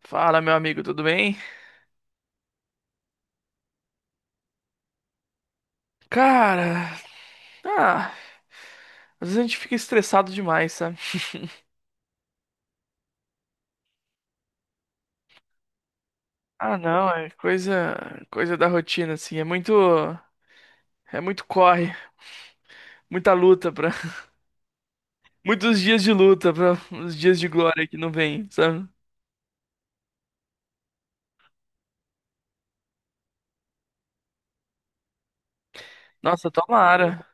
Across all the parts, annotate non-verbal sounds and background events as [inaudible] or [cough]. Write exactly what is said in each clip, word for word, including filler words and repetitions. Fala, meu amigo, tudo bem? Cara, ah, às vezes a gente fica estressado demais, sabe? Ah, não, é coisa, coisa da rotina, assim. É muito, é muito corre, muita luta para, [laughs] muitos dias de luta para os dias de glória que não vem, sabe? Nossa, tomara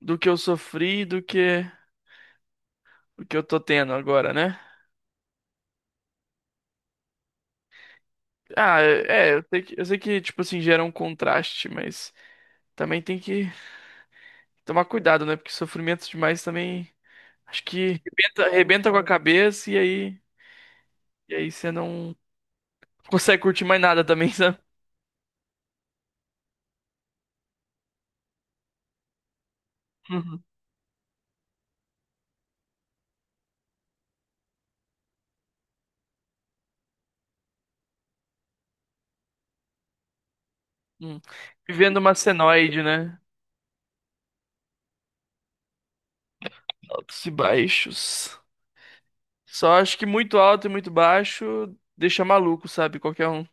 do que eu sofri, do que, do que eu tô tendo agora, né? Ah, é, eu sei que, eu sei que, tipo assim, gera um contraste, mas também tem que tomar cuidado, né? Porque sofrimento demais também acho que arrebenta, arrebenta com a cabeça e aí, e aí você não consegue curtir mais nada também, [laughs] sabe? Uhum. Hum. Vivendo uma senoide, né? Altos e baixos. Só acho que muito alto e muito baixo deixa maluco, sabe? Qualquer um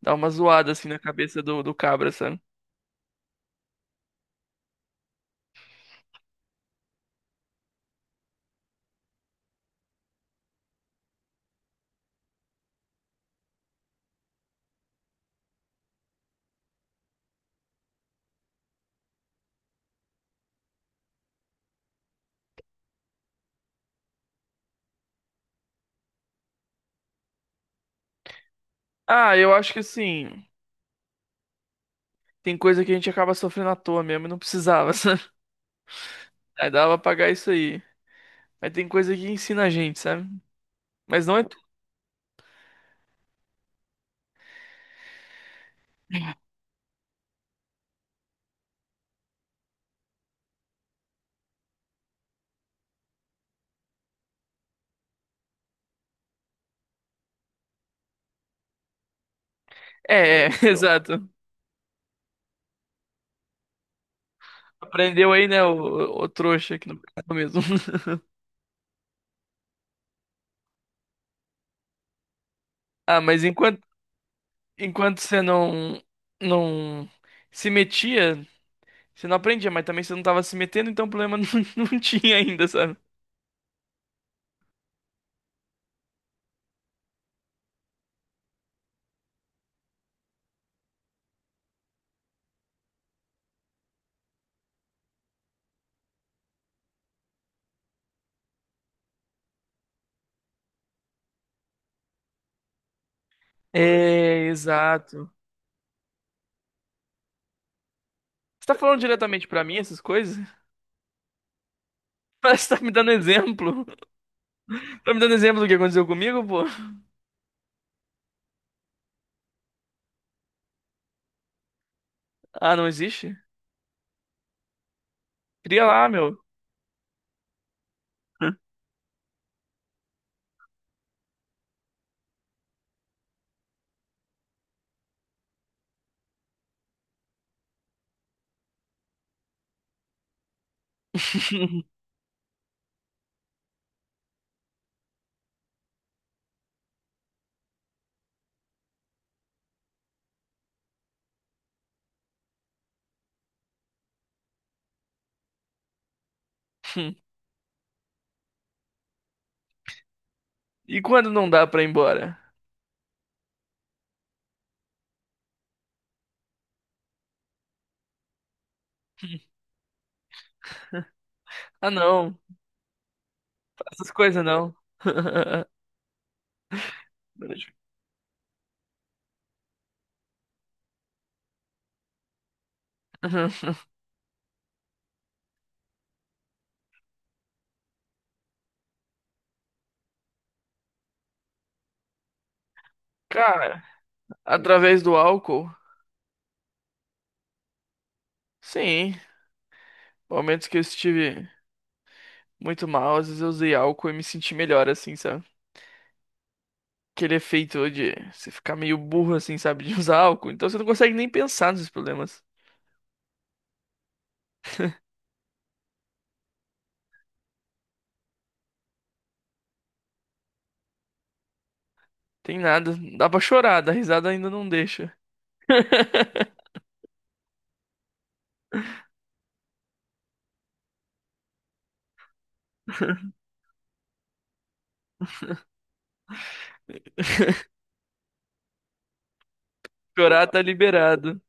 dá uma zoada assim na cabeça do, do cabra, sabe? Ah, eu acho que assim, tem coisa que a gente acaba sofrendo à toa mesmo e não precisava, [laughs] sabe? Aí dava pra pagar isso aí. Mas tem coisa que ensina a gente, sabe? Mas não é. tu- É, é, [laughs] exato. Aprendeu aí, né, o, o trouxa aqui no mercado mesmo. [laughs] Ah, mas enquanto, enquanto você não, não se metia, você não aprendia, mas também você não tava se metendo, então o problema [laughs] não, não tinha ainda, sabe? É, exato. Você tá falando diretamente pra mim essas coisas? [laughs] Parece que tá me dando exemplo. Tá me dando exemplo do que aconteceu comigo, pô? Ah, não existe? Cria lá, meu. [laughs] E quando não dá pra ir embora? Ah, não. Essas coisas não. [laughs] Cara, através do álcool. Sim, momentos que eu estive muito mal, às vezes eu usei álcool e me senti melhor, assim, sabe? Aquele efeito de você ficar meio burro, assim, sabe? De [laughs] usar álcool. Então você não consegue nem pensar nos seus problemas. Tem nada. Dá pra chorar, dar risada ainda não deixa. [laughs] Chorar tá liberado.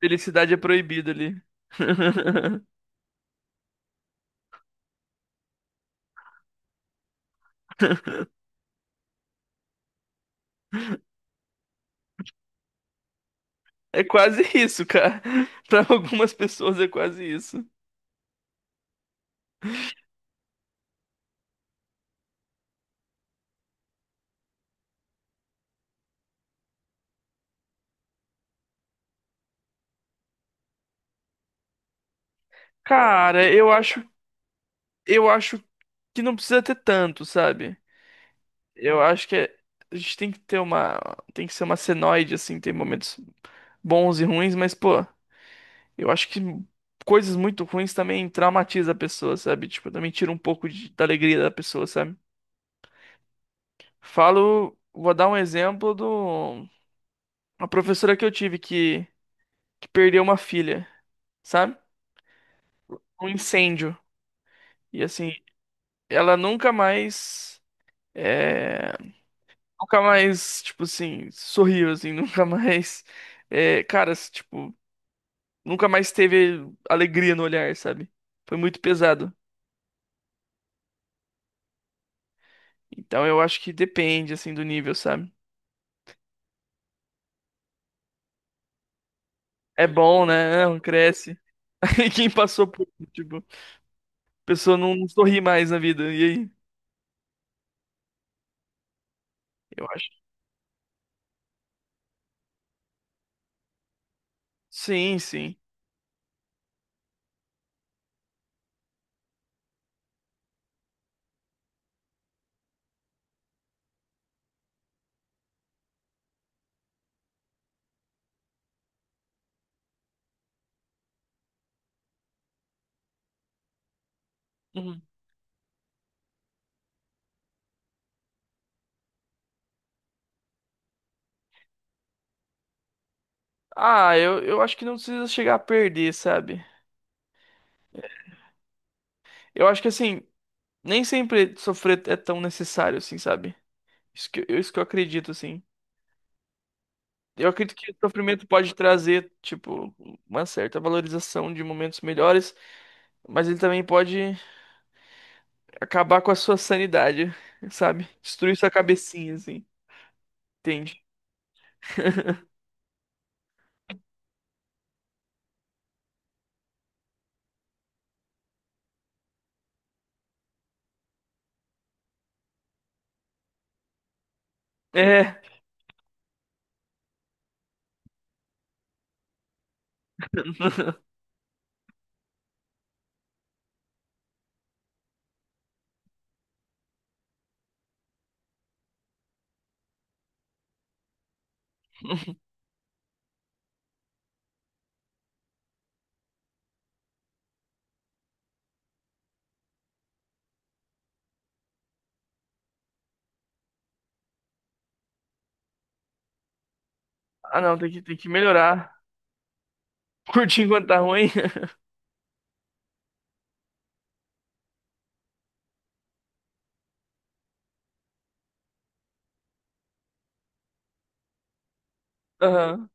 Felicidade é proibido ali. [laughs] É quase isso, cara. [laughs] Pra algumas pessoas é quase isso. Cara, eu acho, eu acho que não precisa ter tanto, sabe? Eu acho que é- a gente tem que ter uma. Tem que ser uma senoide, assim, tem momentos bons e ruins, mas, pô, eu acho que coisas muito ruins também traumatiza a pessoa, sabe? Tipo, também tira um pouco de- da alegria da pessoa, sabe? Falo, vou dar um exemplo do. Uma professora que eu tive que, que perdeu uma filha, sabe? Um incêndio. E assim, ela nunca mais. é, Nunca mais, tipo assim, sorriu, assim, [laughs] nunca mais. É, cara, tipo. Nunca mais teve alegria no olhar, sabe? Foi muito pesado. Então eu acho que depende, assim, do nível, sabe? É bom, né? É, não, cresce. [laughs] Aí quem passou por isso, tipo, a pessoa não não sorri mais na vida. E aí? Eu acho. Sim, sim. Uhum. Ah, eu, eu acho que não precisa chegar a perder, sabe? Eu acho que, assim, nem sempre sofrer é tão necessário, assim, sabe? Isso que, eu- isso que eu acredito, assim. Eu acredito que o sofrimento pode trazer, tipo, uma certa valorização de momentos melhores. Mas ele também pode acabar com a sua sanidade, sabe? Destruir sua cabecinha, assim. Entende? É. [laughs] Ah, não, tem que, tem que melhorar. Curtir enquanto tá ruim. [laughs] Aham.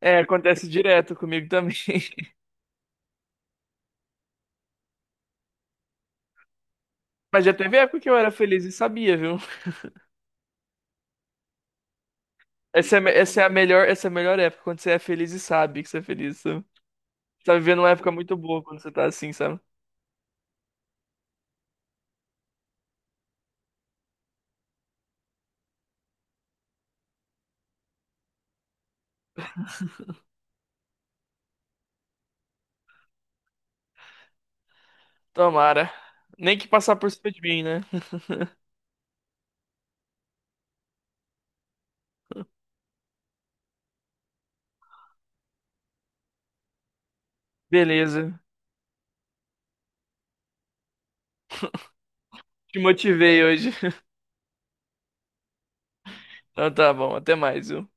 É, acontece direto comigo também. [laughs] Mas já teve época que eu era feliz e sabia, viu? Essa é, me- essa é a melhor, essa é a melhor época, quando você é feliz e sabe que você é feliz, sabe? Você tá vivendo uma época muito boa quando você tá assim, sabe? Tomara. Nem que passar por cima de mim, né? Beleza. Te motivei hoje. [laughs] Então tá bom, até mais, viu?